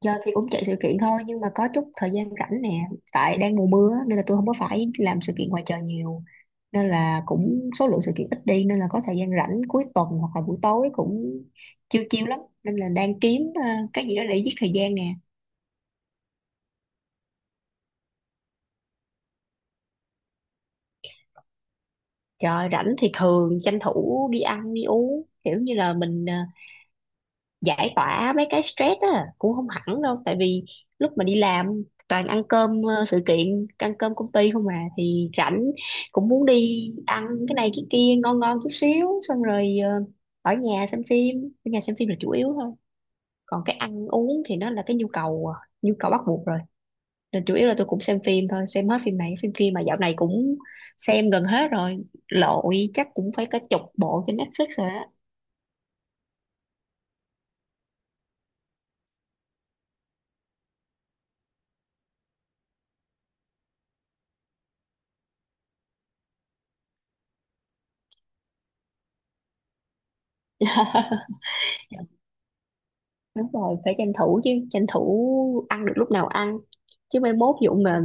Giờ thì cũng chạy sự kiện thôi, nhưng mà có chút thời gian rảnh nè. Tại đang mùa mưa á, nên là tôi không có phải làm sự kiện ngoài trời nhiều, nên là cũng số lượng sự kiện ít đi, nên là có thời gian rảnh cuối tuần hoặc là buổi tối cũng chiêu chiêu lắm, nên là đang kiếm cái gì đó để giết thời gian nè. Trời rảnh thì thường tranh thủ đi ăn đi uống, kiểu như là mình giải tỏa mấy cái stress á, cũng không hẳn đâu, tại vì lúc mà đi làm toàn ăn cơm sự kiện, ăn cơm công ty không, mà thì rảnh cũng muốn đi ăn cái này cái kia ngon ngon chút xíu, xong rồi ở nhà xem phim. Ở nhà xem phim là chủ yếu thôi. Còn cái ăn uống thì nó là cái nhu cầu à, nhu cầu bắt buộc rồi, nên chủ yếu là tôi cũng xem phim thôi, xem hết phim này phim kia mà dạo này cũng xem gần hết rồi, lội chắc cũng phải cả chục bộ trên Netflix rồi á. Đúng rồi, phải tranh thủ chứ, tranh thủ ăn được lúc nào ăn chứ, mai mốt dụ mà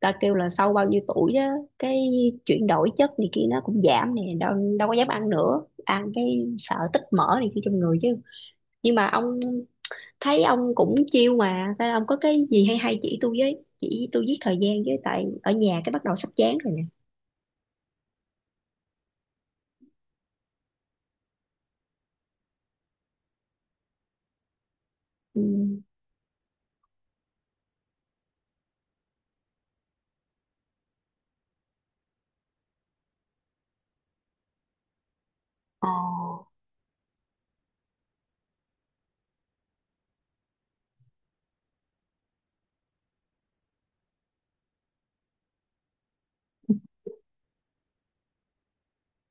ta kêu là sau bao nhiêu tuổi đó, cái chuyển đổi chất này kia nó cũng giảm nè, đâu đâu có dám ăn nữa, ăn cái sợ tích mỡ này kia trong người chứ. Nhưng mà ông thấy ông cũng chiêu mà, nên ông có cái gì hay hay chỉ tôi với, chỉ tôi giết thời gian với, tại ở nhà cái bắt đầu sắp chán rồi nè. Ừ.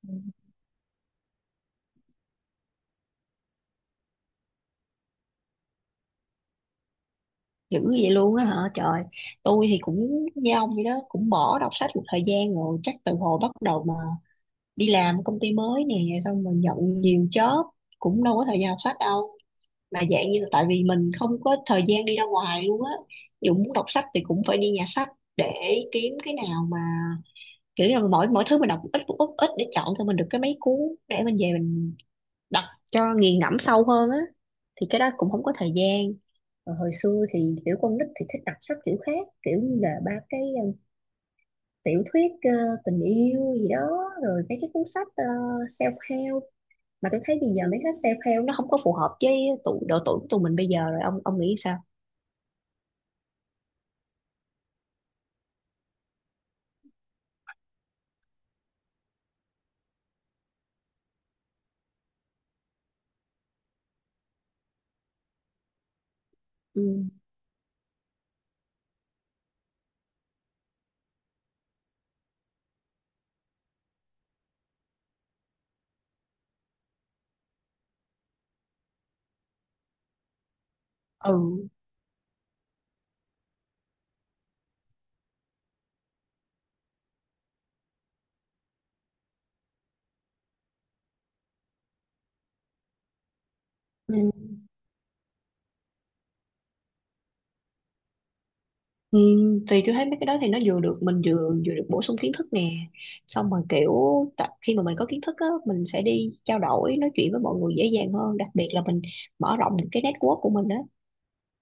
Ờ, dữ vậy luôn á hả trời. Tôi thì cũng như ông vậy đó, cũng bỏ đọc sách một thời gian rồi, chắc từ hồi bắt đầu mà đi làm công ty mới nè, xong mình nhận nhiều job, cũng đâu có thời gian đọc sách đâu. Mà dạng như là tại vì mình không có thời gian đi ra ngoài luôn á, dù muốn đọc sách thì cũng phải đi nhà sách để kiếm cái nào mà kiểu như là mỗi mỗi thứ mình đọc một ít một ít một ít để chọn cho mình được cái mấy cuốn, để mình về mình đọc cho nghiền ngẫm sâu hơn á. Thì cái đó cũng không có thời gian. Còn hồi xưa thì kiểu con nít thì thích đọc sách kiểu khác, kiểu như là ba cái tiểu thuyết tình yêu gì đó, rồi mấy cái cuốn sách self-help. Mà tôi thấy bây giờ mấy cái self-help nó không có phù hợp với tụ độ tuổi của tụi mình bây giờ rồi. Ông nghĩ sao? Ừ. Ừ. Ừ. Ừ, thì tôi thấy mấy cái đó thì nó vừa được mình, vừa vừa được bổ sung kiến thức nè, xong rồi kiểu khi mà mình có kiến thức á, mình sẽ đi trao đổi nói chuyện với mọi người dễ dàng hơn, đặc biệt là mình mở rộng cái network của mình á.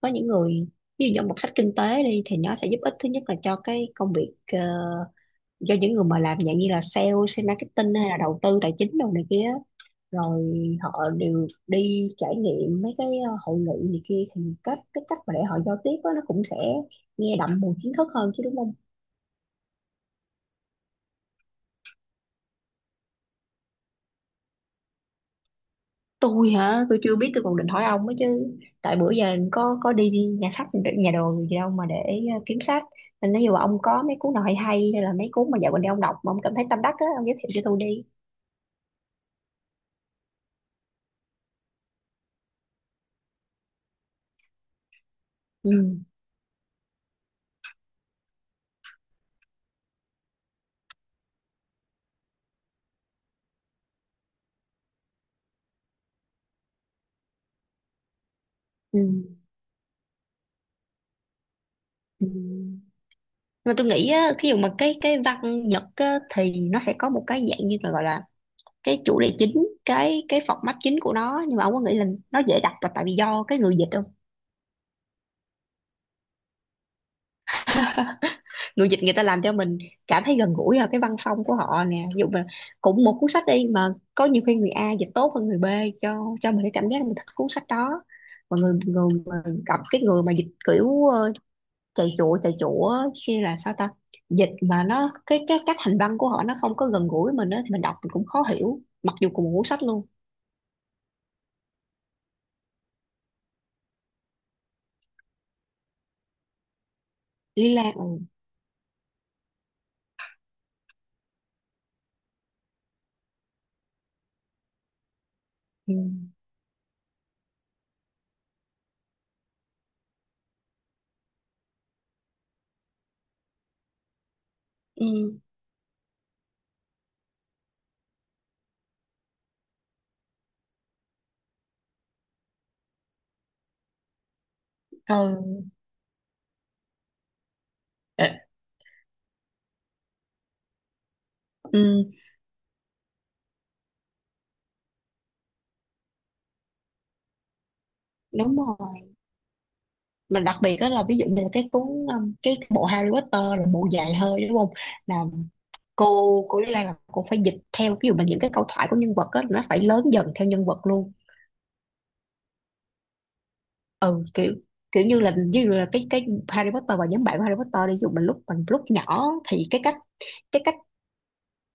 Có những người, ví dụ như một sách kinh tế đi, thì nó sẽ giúp ích thứ nhất là cho cái công việc, cho những người mà làm dạng như là sale, sale marketing hay là đầu tư tài chính đồ này kia, rồi họ đều đi trải nghiệm mấy cái hội nghị này kia, thì cái cách mà để họ giao tiếp á, nó cũng sẽ nghe đậm mùi kiến thức hơn chứ, đúng không? Tôi hả? Tôi chưa biết, tôi còn định hỏi ông ấy chứ. Tại bữa giờ có đi nhà sách nhà đồ gì đâu mà để kiếm sách. Nên nếu như mà ông có mấy cuốn nào hay hay hay là mấy cuốn mà dạo gần đây ông đọc mà ông cảm thấy tâm đắc á, ông giới thiệu cho tôi đi. Ừ. Ừ. Ừ, mà tôi nghĩ á, thí dụ mà cái văn Nhật á, thì nó sẽ có một cái dạng như là gọi là cái chủ đề chính, cái format chính của nó. Nhưng mà ông có nghĩ là nó dễ đọc là tại vì do cái người dịch không? Người dịch, người ta làm cho mình cảm thấy gần gũi vào cái văn phong của họ nè. Ví dụ mà cũng một cuốn sách đi mà có nhiều khi người A dịch tốt hơn người B, cho mình cái cảm giác là mình thích cuốn sách đó. Mà người người mà gặp cái người mà dịch kiểu chạy chụa chạy chụa, khi là sao ta, dịch mà nó cái cách hành văn của họ nó không có gần gũi với mình đó, thì mình đọc mình cũng khó hiểu mặc dù cùng một cuốn sách luôn. Lý Lan. Ừ. Ừ. Ừ. Ừ. Ừ. Đúng rồi. Mà đặc biệt đó là ví dụ như là cái cuốn, cái bộ Harry Potter là bộ dài hơi đúng không, là cô Lý Lan là cô phải dịch theo, ví dụ mà những cái câu thoại của nhân vật á nó phải lớn dần theo nhân vật luôn. Ừ, kiểu kiểu như là ví dụ là cái Harry Potter và nhóm bạn của Harry Potter đi, ví dụ mình lúc nhỏ thì cái cách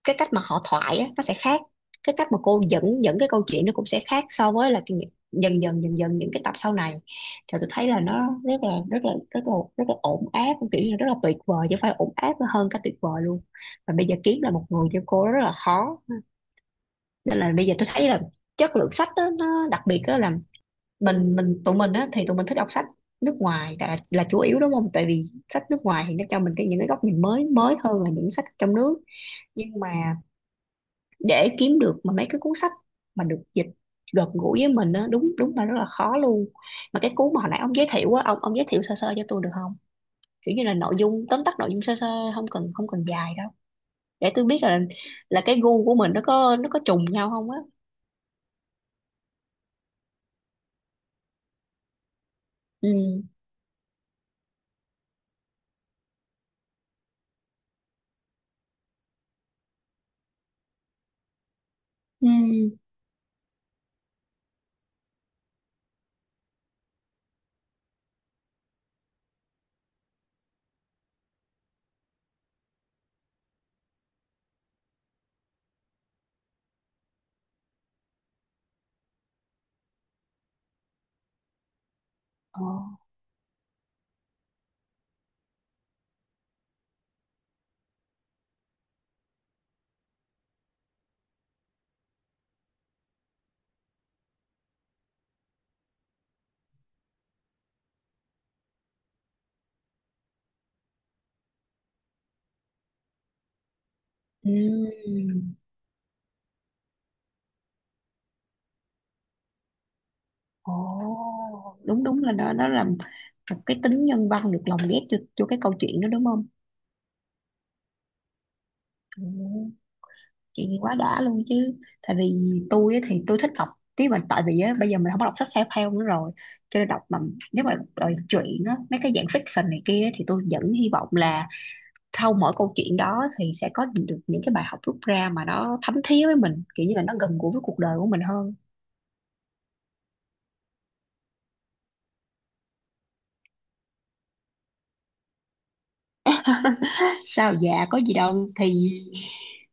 cái cách mà họ thoại á, nó sẽ khác. Cái cách mà cô dẫn dẫn cái câu chuyện nó cũng sẽ khác so với là dần dần những cái tập sau này. Thì tôi thấy là nó rất là rất là rất là rất là ổn áp, kiểu như là rất là tuyệt vời chứ không phải ổn áp, nó hơn cả tuyệt vời luôn. Và bây giờ kiếm là một người như cô rất là khó, nên là bây giờ tôi thấy là chất lượng sách á, nó đặc biệt đó là mình tụi mình á, thì tụi mình thích đọc sách nước ngoài là chủ yếu đúng không, tại vì sách nước ngoài thì nó cho mình cái những cái góc nhìn mới mới hơn là những sách trong nước. Nhưng mà để kiếm được mà mấy cái cuốn sách mà được dịch gần gũi với mình á, đúng đúng là rất là khó luôn. Mà cái cuốn mà hồi nãy ông giới thiệu á, ông giới thiệu sơ sơ cho tôi được không, kiểu như là nội dung tóm tắt nội dung sơ sơ, không cần dài đâu, để tôi biết là cái gu của mình nó có trùng nhau không á. Ừ. Ừ. Ồ. Ừ. Ồ, đúng đúng là nó làm một cái tính nhân văn được lồng ghép cho cái câu chuyện đó đúng không? Ừ. Chuyện gì quá đã luôn chứ. Tại vì tôi á thì tôi thích đọc tiếng, mà tại vì á bây giờ mình không có đọc sách self-help nữa rồi, cho nên đọc mà nếu mà đòi chuyện á mấy cái dạng fiction này kia á, thì tôi vẫn hy vọng là sau mỗi câu chuyện đó thì sẽ có được những cái bài học rút ra mà nó thấm thía với mình, kiểu như là nó gần gũi với cuộc đời của mình hơn. Sao, dạ có gì đâu. Thì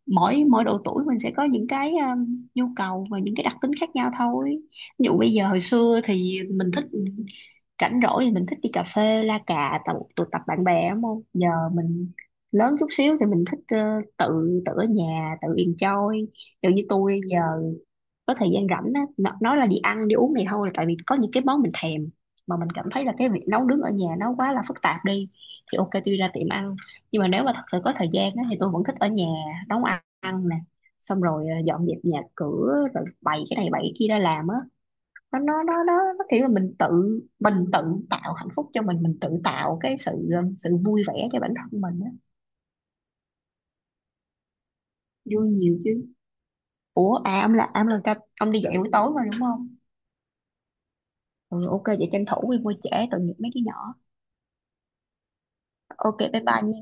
mỗi mỗi độ tuổi mình sẽ có những cái, nhu cầu và những cái đặc tính khác nhau thôi. Ví dụ bây giờ hồi xưa thì mình thích rảnh rỗi thì mình thích đi cà phê la cà tụ tập bạn bè đúng không. Giờ mình lớn chút xíu thì mình thích tự tự ở nhà tự enjoy, kiểu như tôi giờ có thời gian rảnh á nói là đi ăn đi uống này thôi là tại vì có những cái món mình thèm mà mình cảm thấy là cái việc nấu nướng ở nhà nó quá là phức tạp đi. Thì ok, tôi đi ra tiệm ăn. Nhưng mà nếu mà thật sự có thời gian á, thì tôi vẫn thích ở nhà nấu ăn, ăn nè, xong rồi dọn dẹp nhà cửa, rồi bày cái này bày cái kia ra làm á. Nó kiểu là mình tự tạo hạnh phúc cho mình tự tạo cái sự sự vui vẻ cho bản thân mình á. Vui nhiều chứ. Ủa à, ông là à, ông là ca ông đi dạy buổi tối mà đúng không? Ừ, ok vậy tranh thủ đi, mua trễ tội nghiệp mấy đứa nhỏ. Ok, bye bye nha.